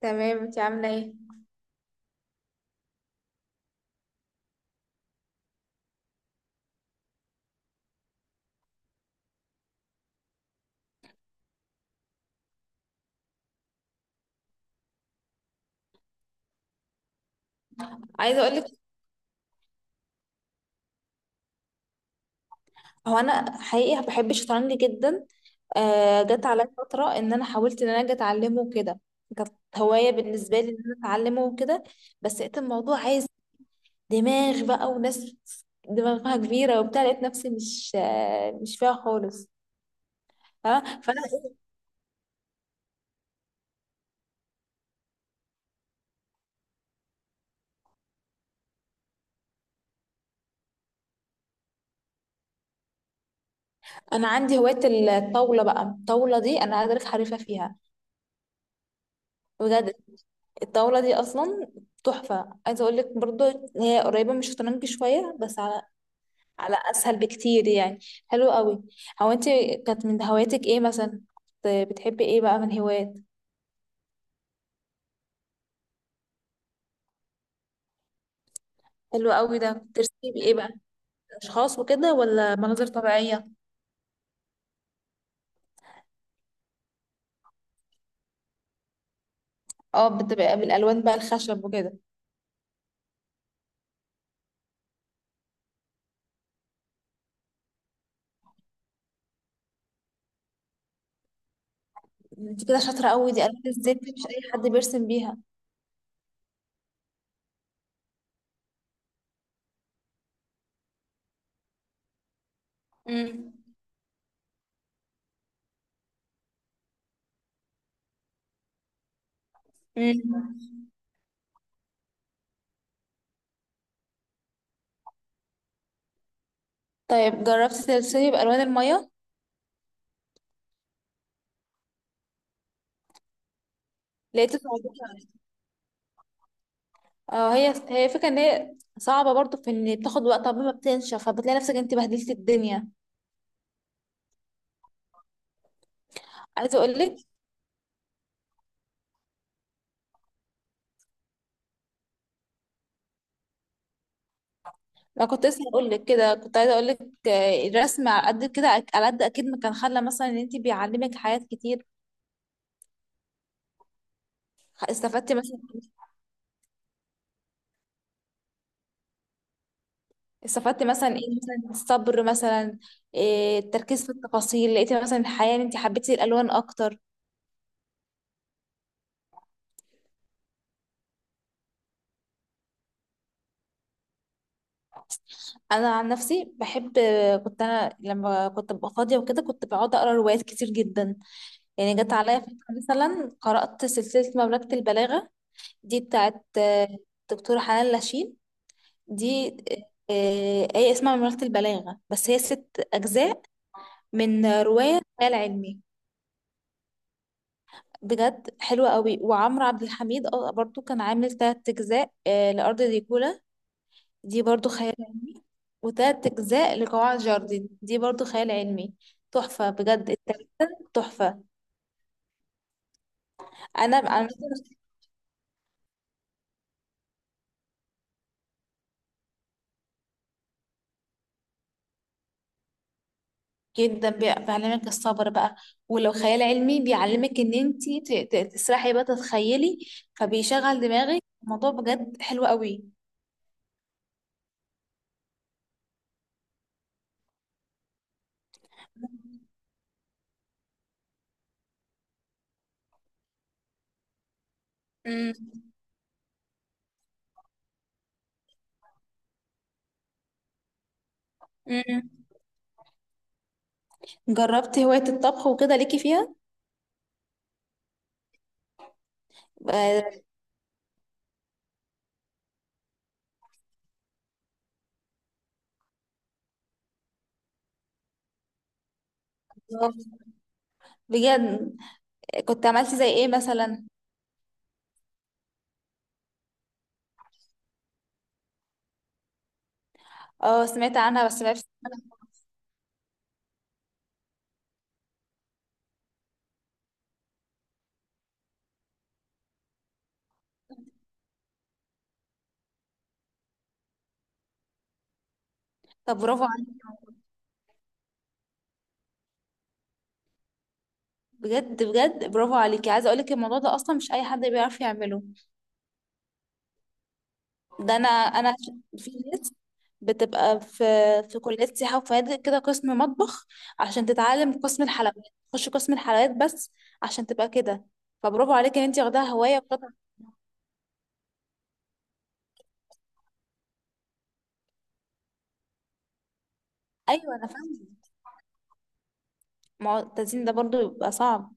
تمام، انت عامله ايه؟ عايزه اقول لك، هو انا حقيقي بحب الشطرنج جدا. آه، جت عليا فتره ان انا حاولت ان انا اجي اتعلمه وكده. كانت هوايه بالنسبه لي ان انا اتعلمه وكده. بس لقيت الموضوع عايز دماغ بقى وناس دماغها كبيره وبتاع، لقيت نفسي مش فيها خالص. فاهمة؟ فانا إيه، انا عندي هوايه. الطاوله بقى، الطاوله دي انا عايزه اقول لك حريفه فيها. بجد. الطاوله دي اصلا تحفه، عايزه اقول لك برضو. هي قريبه من الشطرنج شويه بس على اسهل بكتير يعني. حلو قوي. هو انت كانت من هواياتك ايه مثلا؟ كنت بتحبي ايه بقى من هوايات؟ حلو قوي، ده كنت بترسمي ايه بقى؟ اشخاص وكده ولا مناظر طبيعيه؟ اه، بتبقى بالالوان بقى الخشب وكده. انت كده شاطره قوي، دي الوان الزيت دي مش اي حد بيرسم بيها. امم امم طيب، جربتي ترسمي بالوان الميه؟ لقيت الموضوع. اه، هي فكره ان هي صعبه برضو في ان بتاخد وقت قبل ما بتنشف، فبتلاقي نفسك انت بهدلتي الدنيا. عايزه اقول لك، انا كنت لسه هقول لك كده، كنت عايزه اقول لك الرسم على قد كده على قد اكيد ما كان خلى مثلا ان انت بيعلمك حاجات كتير. استفدتي مثلا استفدتي مثلا ايه مثلا؟ الصبر مثلا؟ إيه، التركيز في التفاصيل؟ لقيتي مثلا الحياه ان انت حبيتي الالوان اكتر؟ انا عن نفسي بحب كنت انا لما كنت ببقى فاضيه وكده كنت بقعد اقرا روايات كتير جدا. يعني جت عليا فتره مثلا قرات سلسله مملكه البلاغه، دي بتاعت دكتوره حنان لاشين. دي آية اسمها مملكة البلاغة، بس هي 6 أجزاء. من رواية خيال علمي. بجد حلوة قوي. وعمرو عبد الحميد برضو كان عامل 3 أجزاء لأرض ديكولا. دي برضو خيال علمي. وتلات أجزاء لقواعد جاردن، دي برضو خيال علمي. تحفة بجد، التلاتة تحفة. أنا أنا جدا بيعلمك الصبر بقى. ولو خيال علمي بيعلمك ان انت تسرحي بقى تتخيلي. فبيشغل دماغك الموضوع، بجد حلو قوي. مم. مم. جربت هواية الطبخ وكده ليكي فيها؟ آه، بجد، كنت عملتي زي ايه مثلا؟ اه، سمعت عنها بس ما عرفتش أعملها. طب برافو عليك، بجد بجد برافو عليكي، عايزه اقولك الموضوع ده اصلا مش اي حد بيعرف يعمله. ده انا في ناس بتبقى في كليات سياحه وفنادق كده قسم مطبخ، عشان تتعلم قسم الحلويات. تخش قسم الحلويات بس عشان تبقى كده. فبرافو عليكي ان انت واخداها هوايه وقطع. ايوه انا فاهمه. ما هو التزيين ده برضو بيبقى صعب.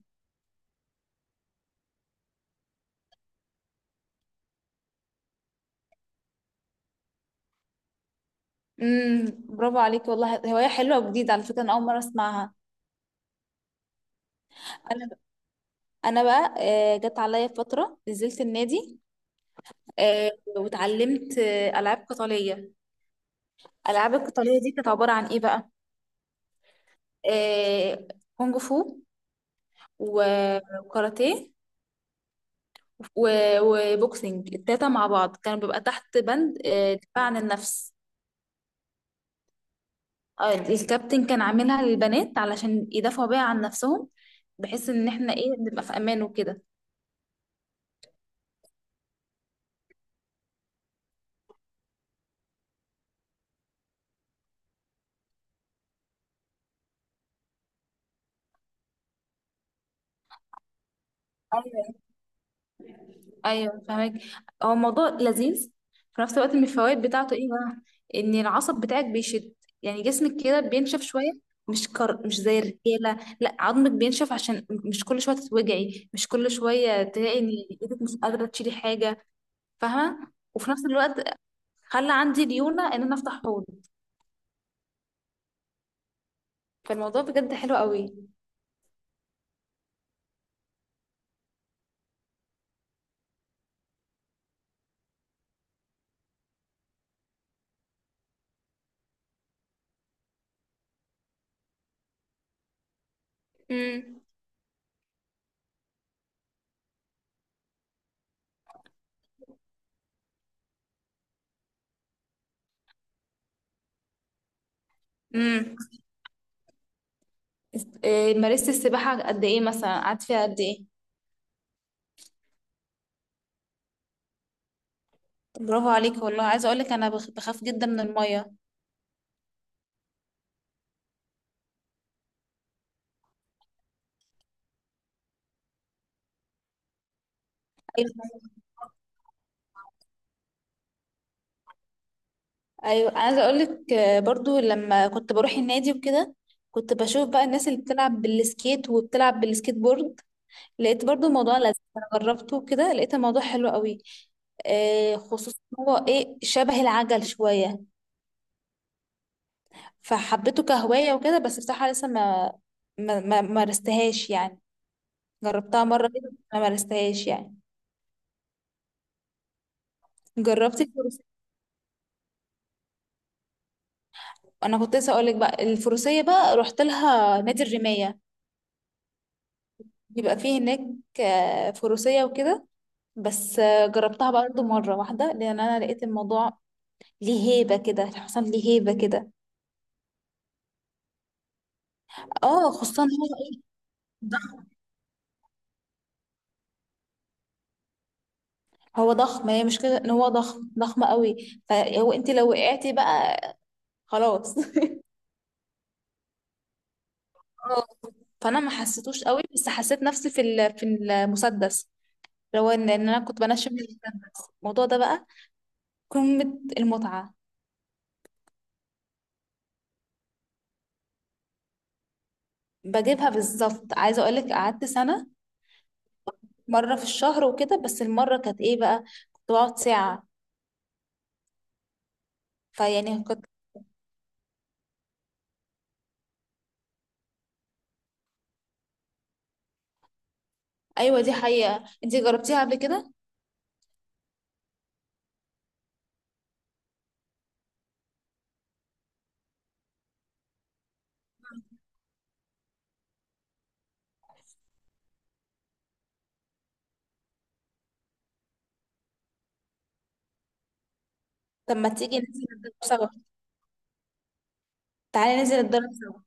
برافو عليك والله، هواية حلوة وجديدة، على فكرة أنا أول مرة أسمعها. أنا أنا بقى جت عليا فترة نزلت النادي. آه، واتعلمت ألعاب قتالية. الألعاب القتالية دي كانت عبارة عن إيه بقى؟ آه، كونج فو، و- وكاراتيه، وبوكسينج. التلاتة مع بعض كانوا بيبقى تحت بند دفاع عن النفس. الكابتن كان عاملها للبنات علشان يدافعوا بيها عن نفسهم، بحيث إن إحنا إيه نبقى في أمان وكده. ايوه فهمك. هو الموضوع لذيذ. في نفس الوقت من الفوائد بتاعته ايه بقى؟ ان العصب بتاعك بيشد، يعني جسمك كده بينشف شويه. مش زي الرجاله، لا، عظمك بينشف، عشان مش كل شويه تتوجعي، مش كل شويه تلاقي ان ايدك مش قادره تشيلي حاجه. فاهمه؟ وفي نفس الوقت خلى عندي ليونه ان انا افتح حوض. فالموضوع بجد حلو قوي. امم امم إيه، مارست السباحه قد ايه مثلا؟ قعدت فيها قد ايه؟ برافو عليك والله، عايزه اقول لك انا بخاف جدا من الميه. ايوه، عايزه اقول لك، برضو لما كنت بروح النادي وكده، كنت بشوف بقى الناس اللي بتلعب بالسكيت وبتلعب بالسكيت بورد. لقيت برضو الموضوع لذيذ، انا جربته وكده لقيت الموضوع حلو قوي. خصوصا إن هو ايه شبه العجل شويه. فحبيته كهوايه وكده، بس بصراحه لسه ما مارستهاش يعني. جربتها مره كده، ما مارستهاش يعني. جربت الفروسيه. انا كنت لسه اقول لك بقى، الفروسيه بقى رحت لها نادي الرمايه. بيبقى فيه هناك فروسيه وكده. بس جربتها برضه مرة واحدة، لأن أنا لقيت الموضوع ليه هيبة كده، الحصان ليه هيبة كده. اه، خصوصا هو ايه ضخم. هو ضخم، هي مش كده ان هو ضخم ضخم قوي، فهو انت لو وقعتي بقى خلاص. اه، فانا ما حسيتوش قوي، بس حسيت نفسي في المسدس. لو إن انا كنت بنشم المسدس الموضوع ده بقى قمة المتعة. بجيبها بالظبط، عايزة اقولك قعدت سنة، مرة في الشهر وكده، بس المرة كانت ايه بقى؟ كنت بقعد ساعة. فيعني كنت، ايوه دي حقيقة، انتي جربتيها قبل كده؟ طب ما تيجي ننزل نتدرب سوا؟ تعالي ننزل نتدرب سوا.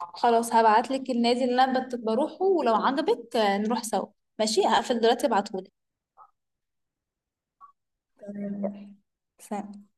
خلاص، هبعتلك النادي اللي انا بروحه، ولو عجبك نروح سوا. ماشي، هقفل دلوقتي ابعتهولك. تمام، سلام.